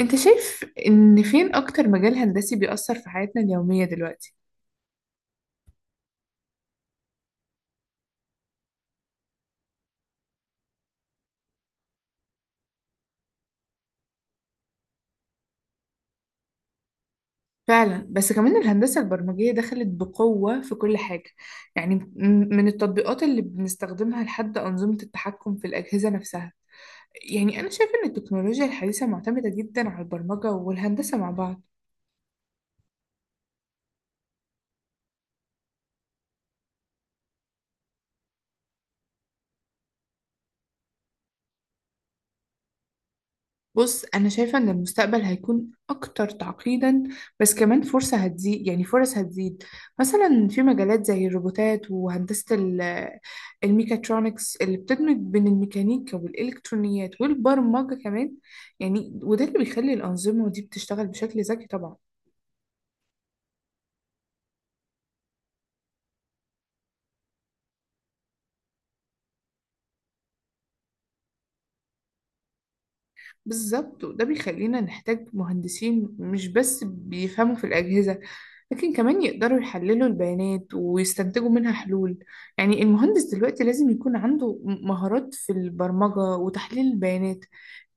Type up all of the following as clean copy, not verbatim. انت شايف ان فين اكتر مجال هندسي بيأثر في حياتنا اليومية دلوقتي؟ فعلا، بس كمان الهندسة البرمجية دخلت بقوة في كل حاجة. يعني من التطبيقات اللي بنستخدمها لحد أنظمة التحكم في الأجهزة نفسها. يعني أنا شايف إن التكنولوجيا الحديثة معتمدة جدا على البرمجة والهندسة مع بعض. بص، أنا شايفة إن المستقبل هيكون أكتر تعقيدا، بس كمان فرصة هتزيد، يعني فرص هتزيد. مثلا في مجالات زي الروبوتات وهندسة الميكاترونكس اللي بتدمج بين الميكانيكا والإلكترونيات والبرمجة كمان. يعني وده اللي بيخلي الأنظمة دي بتشتغل بشكل ذكي طبعا. بالظبط، وده بيخلينا نحتاج مهندسين مش بس بيفهموا في الأجهزة، لكن كمان يقدروا يحللوا البيانات ويستنتجوا منها حلول. يعني المهندس دلوقتي لازم يكون عنده مهارات في البرمجة وتحليل البيانات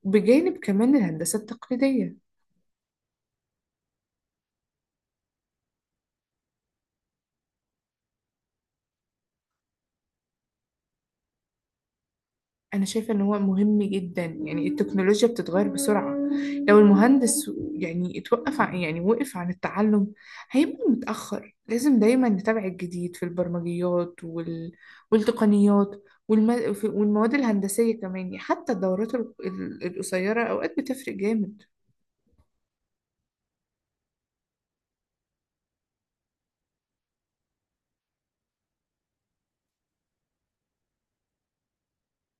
بجانب كمان الهندسة التقليدية. أنا شايفة إن هو مهم جدا، يعني التكنولوجيا بتتغير بسرعة. لو المهندس يعني اتوقف عن يعني وقف عن التعلم، هيبقى متأخر. لازم دايما نتابع الجديد في البرمجيات والتقنيات والمواد الهندسية كمان. يعني حتى الدورات القصيرة أوقات بتفرق جامد.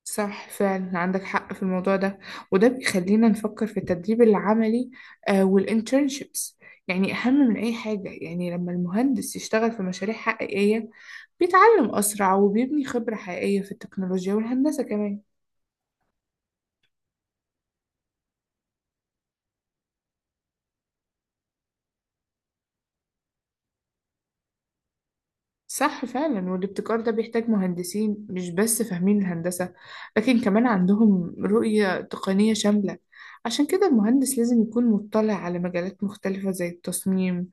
صح، فعلا عندك حق في الموضوع ده، وده بيخلينا نفكر في التدريب العملي آه والانترنشيبس. يعني أهم من أي حاجة، يعني لما المهندس يشتغل في مشاريع حقيقية بيتعلم أسرع وبيبني خبرة حقيقية في التكنولوجيا والهندسة كمان. صح، فعلا، والابتكار ده بيحتاج مهندسين مش بس فاهمين الهندسة، لكن كمان عندهم رؤية تقنية شاملة. عشان كده المهندس لازم يكون مطلع على مجالات مختلفة زي التصميم،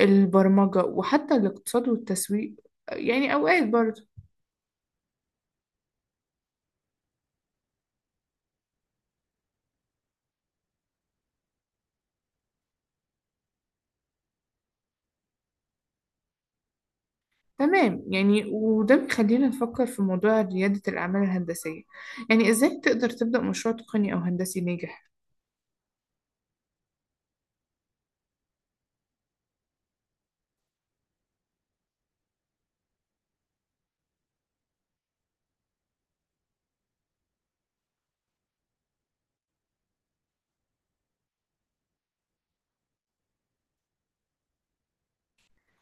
البرمجة، وحتى الاقتصاد والتسويق، يعني أوقات برضه. تمام، يعني وده بيخلينا نفكر في موضوع ريادة الأعمال الهندسية، يعني إزاي تقدر تبدأ مشروع تقني أو هندسي ناجح.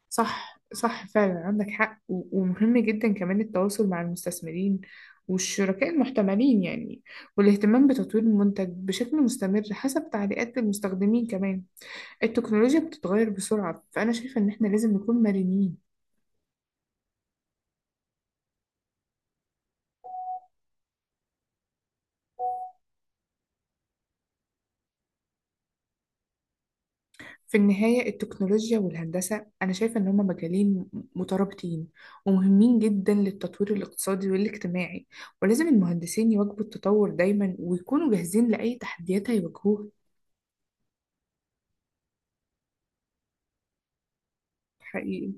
صح، فعلا عندك حق، ومهم جدا كمان التواصل مع المستثمرين والشركاء المحتملين، يعني والاهتمام بتطوير المنتج بشكل مستمر حسب تعليقات المستخدمين كمان. التكنولوجيا بتتغير بسرعة، فأنا شايفة إن إحنا لازم نكون مرنين. في النهاية التكنولوجيا والهندسة أنا شايفة إن هما مجالين مترابطين ومهمين جدا للتطوير الاقتصادي والاجتماعي، ولازم المهندسين يواكبوا التطور دايما ويكونوا جاهزين لأي تحديات هيواجهوها. حقيقي.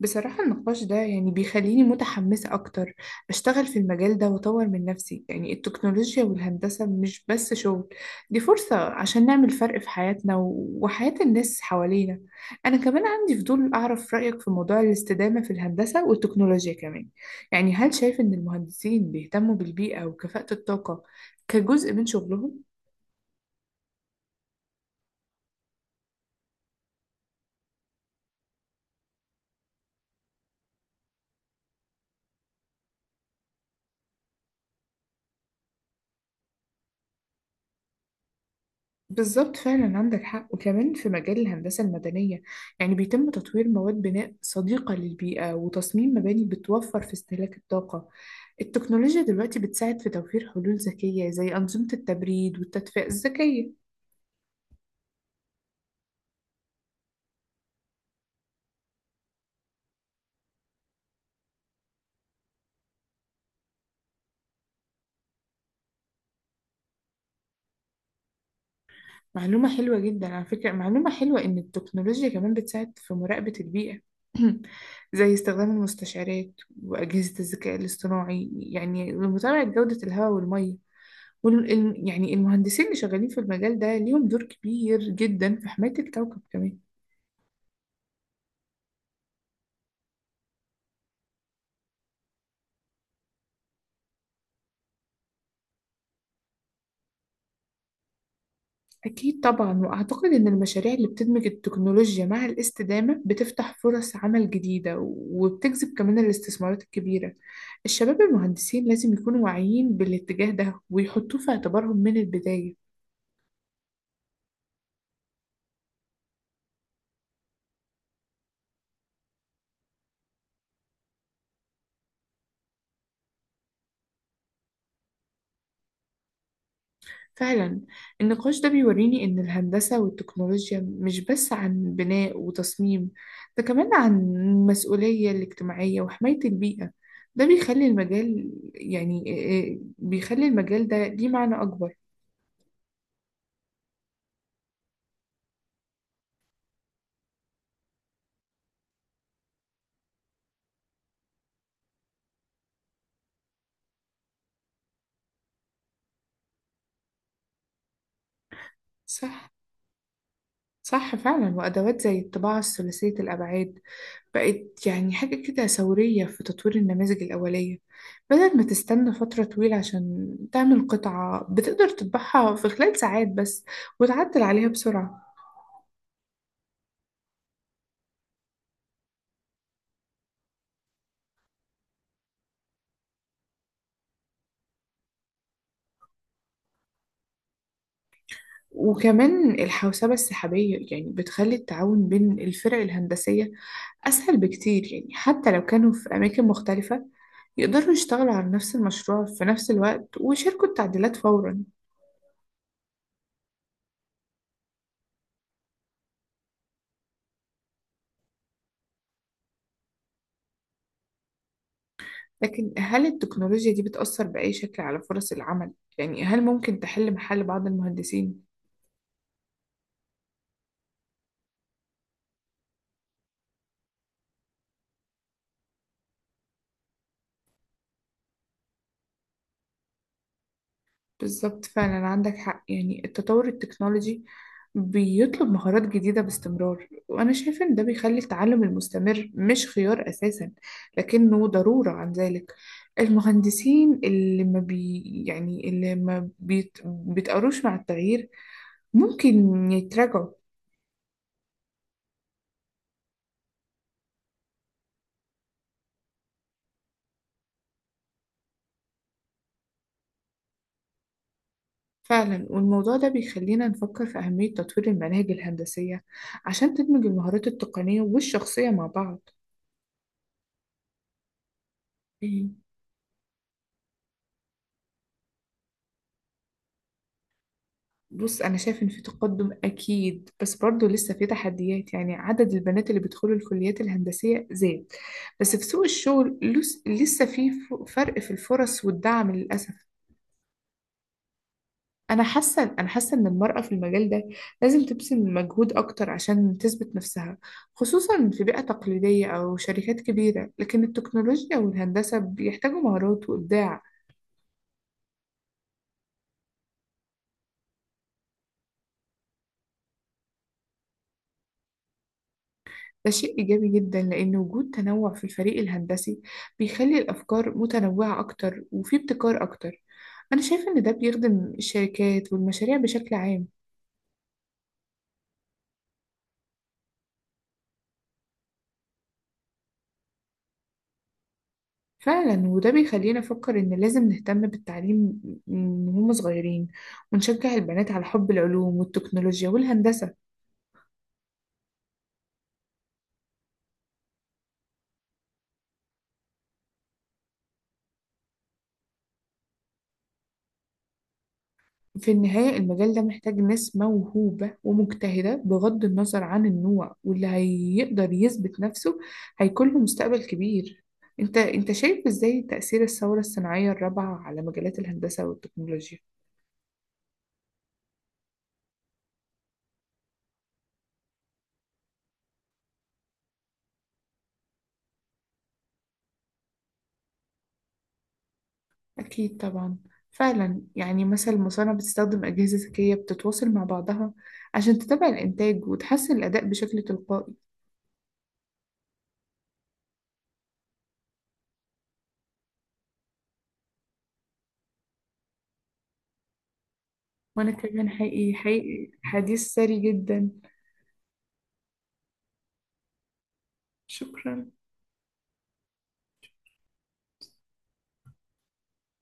بصراحة النقاش ده يعني بيخليني متحمسة أكتر أشتغل في المجال ده وأطور من نفسي. يعني التكنولوجيا والهندسة مش بس شغل، دي فرصة عشان نعمل فرق في حياتنا وحياة الناس حوالينا. أنا كمان عندي فضول أعرف رأيك في موضوع الاستدامة في الهندسة والتكنولوجيا كمان. يعني هل شايف إن المهندسين بيهتموا بالبيئة وكفاءة الطاقة كجزء من شغلهم؟ بالظبط، فعلا عندك حق، وكمان في مجال الهندسة المدنية يعني بيتم تطوير مواد بناء صديقة للبيئة وتصميم مباني بتوفر في استهلاك الطاقة. التكنولوجيا دلوقتي بتساعد في توفير حلول ذكية زي أنظمة التبريد والتدفئة الذكية. معلومة حلوة جدا على فكرة، معلومة حلوة إن التكنولوجيا كمان بتساعد في مراقبة البيئة زي استخدام المستشعرات وأجهزة الذكاء الاصطناعي، يعني لمتابعة جودة الهواء والمية. يعني المهندسين اللي شغالين في المجال ده ليهم دور كبير جدا في حماية الكوكب كمان. أكيد طبعا، وأعتقد إن المشاريع اللي بتدمج التكنولوجيا مع الاستدامة بتفتح فرص عمل جديدة وبتجذب كمان الاستثمارات الكبيرة. الشباب المهندسين لازم يكونوا واعيين بالاتجاه ده ويحطوه في اعتبارهم من البداية. فعلا. النقاش ده بيوريني إن الهندسة والتكنولوجيا مش بس عن بناء وتصميم، ده كمان عن المسؤولية الاجتماعية وحماية البيئة. ده بيخلي المجال، يعني بيخلي المجال ده ليه معنى أكبر. صح. صح فعلا، وأدوات زي الطباعة الثلاثية الأبعاد بقت يعني حاجة كده ثورية في تطوير النماذج الأولية. بدل ما تستنى فترة طويلة عشان تعمل قطعة، بتقدر تطبعها في خلال ساعات بس وتعدل عليها بسرعة. وكمان الحوسبة السحابية يعني بتخلي التعاون بين الفرق الهندسية أسهل بكتير، يعني حتى لو كانوا في أماكن مختلفة يقدروا يشتغلوا على نفس المشروع في نفس الوقت ويشاركوا التعديلات فورا. لكن هل التكنولوجيا دي بتأثر بأي شكل على فرص العمل؟ يعني هل ممكن تحل محل بعض المهندسين؟ بالظبط، فعلا عندك حق، يعني التطور التكنولوجي بيطلب مهارات جديدة باستمرار، وأنا شايفة إن ده بيخلي التعلم المستمر مش خيار أساسا لكنه ضرورة. عن ذلك المهندسين اللي ما بيتقروش مع التغيير ممكن يتراجعوا. فعلا، والموضوع ده بيخلينا نفكر في أهمية تطوير المناهج الهندسية عشان تدمج المهارات التقنية والشخصية مع بعض. يعني بص، أنا شايف إن في تقدم أكيد، بس برضه لسه في تحديات. يعني عدد البنات اللي بيدخلوا الكليات الهندسية زاد، بس في سوق الشغل لسه في فرق في الفرص والدعم للأسف. أنا حاسة إن المرأة في المجال ده لازم تبذل مجهود أكتر عشان تثبت نفسها، خصوصا في بيئة تقليدية أو شركات كبيرة، لكن التكنولوجيا والهندسة بيحتاجوا مهارات وإبداع. ده شيء إيجابي جدا، لأن وجود تنوع في الفريق الهندسي بيخلي الأفكار متنوعة أكتر وفي ابتكار أكتر. أنا شايفة إن ده بيخدم الشركات والمشاريع بشكل عام. فعلا، وده بيخلينا نفكر إن لازم نهتم بالتعليم من هم صغيرين، ونشجع البنات على حب العلوم والتكنولوجيا والهندسة. في النهاية المجال ده محتاج ناس موهوبة ومجتهدة بغض النظر عن النوع، واللي هيقدر يثبت نفسه هيكون له مستقبل كبير. انت شايف ازاي تأثير الثورة الصناعية الرابعة على مجالات الهندسة والتكنولوجيا؟ أكيد طبعا. فعلا، يعني مثلا المصانع بتستخدم أجهزة ذكية بتتواصل مع بعضها عشان تتابع الإنتاج وتحسن الأداء بشكل تلقائي. وأنا كمان حقيقي. حديث ثري جدا. شكرا.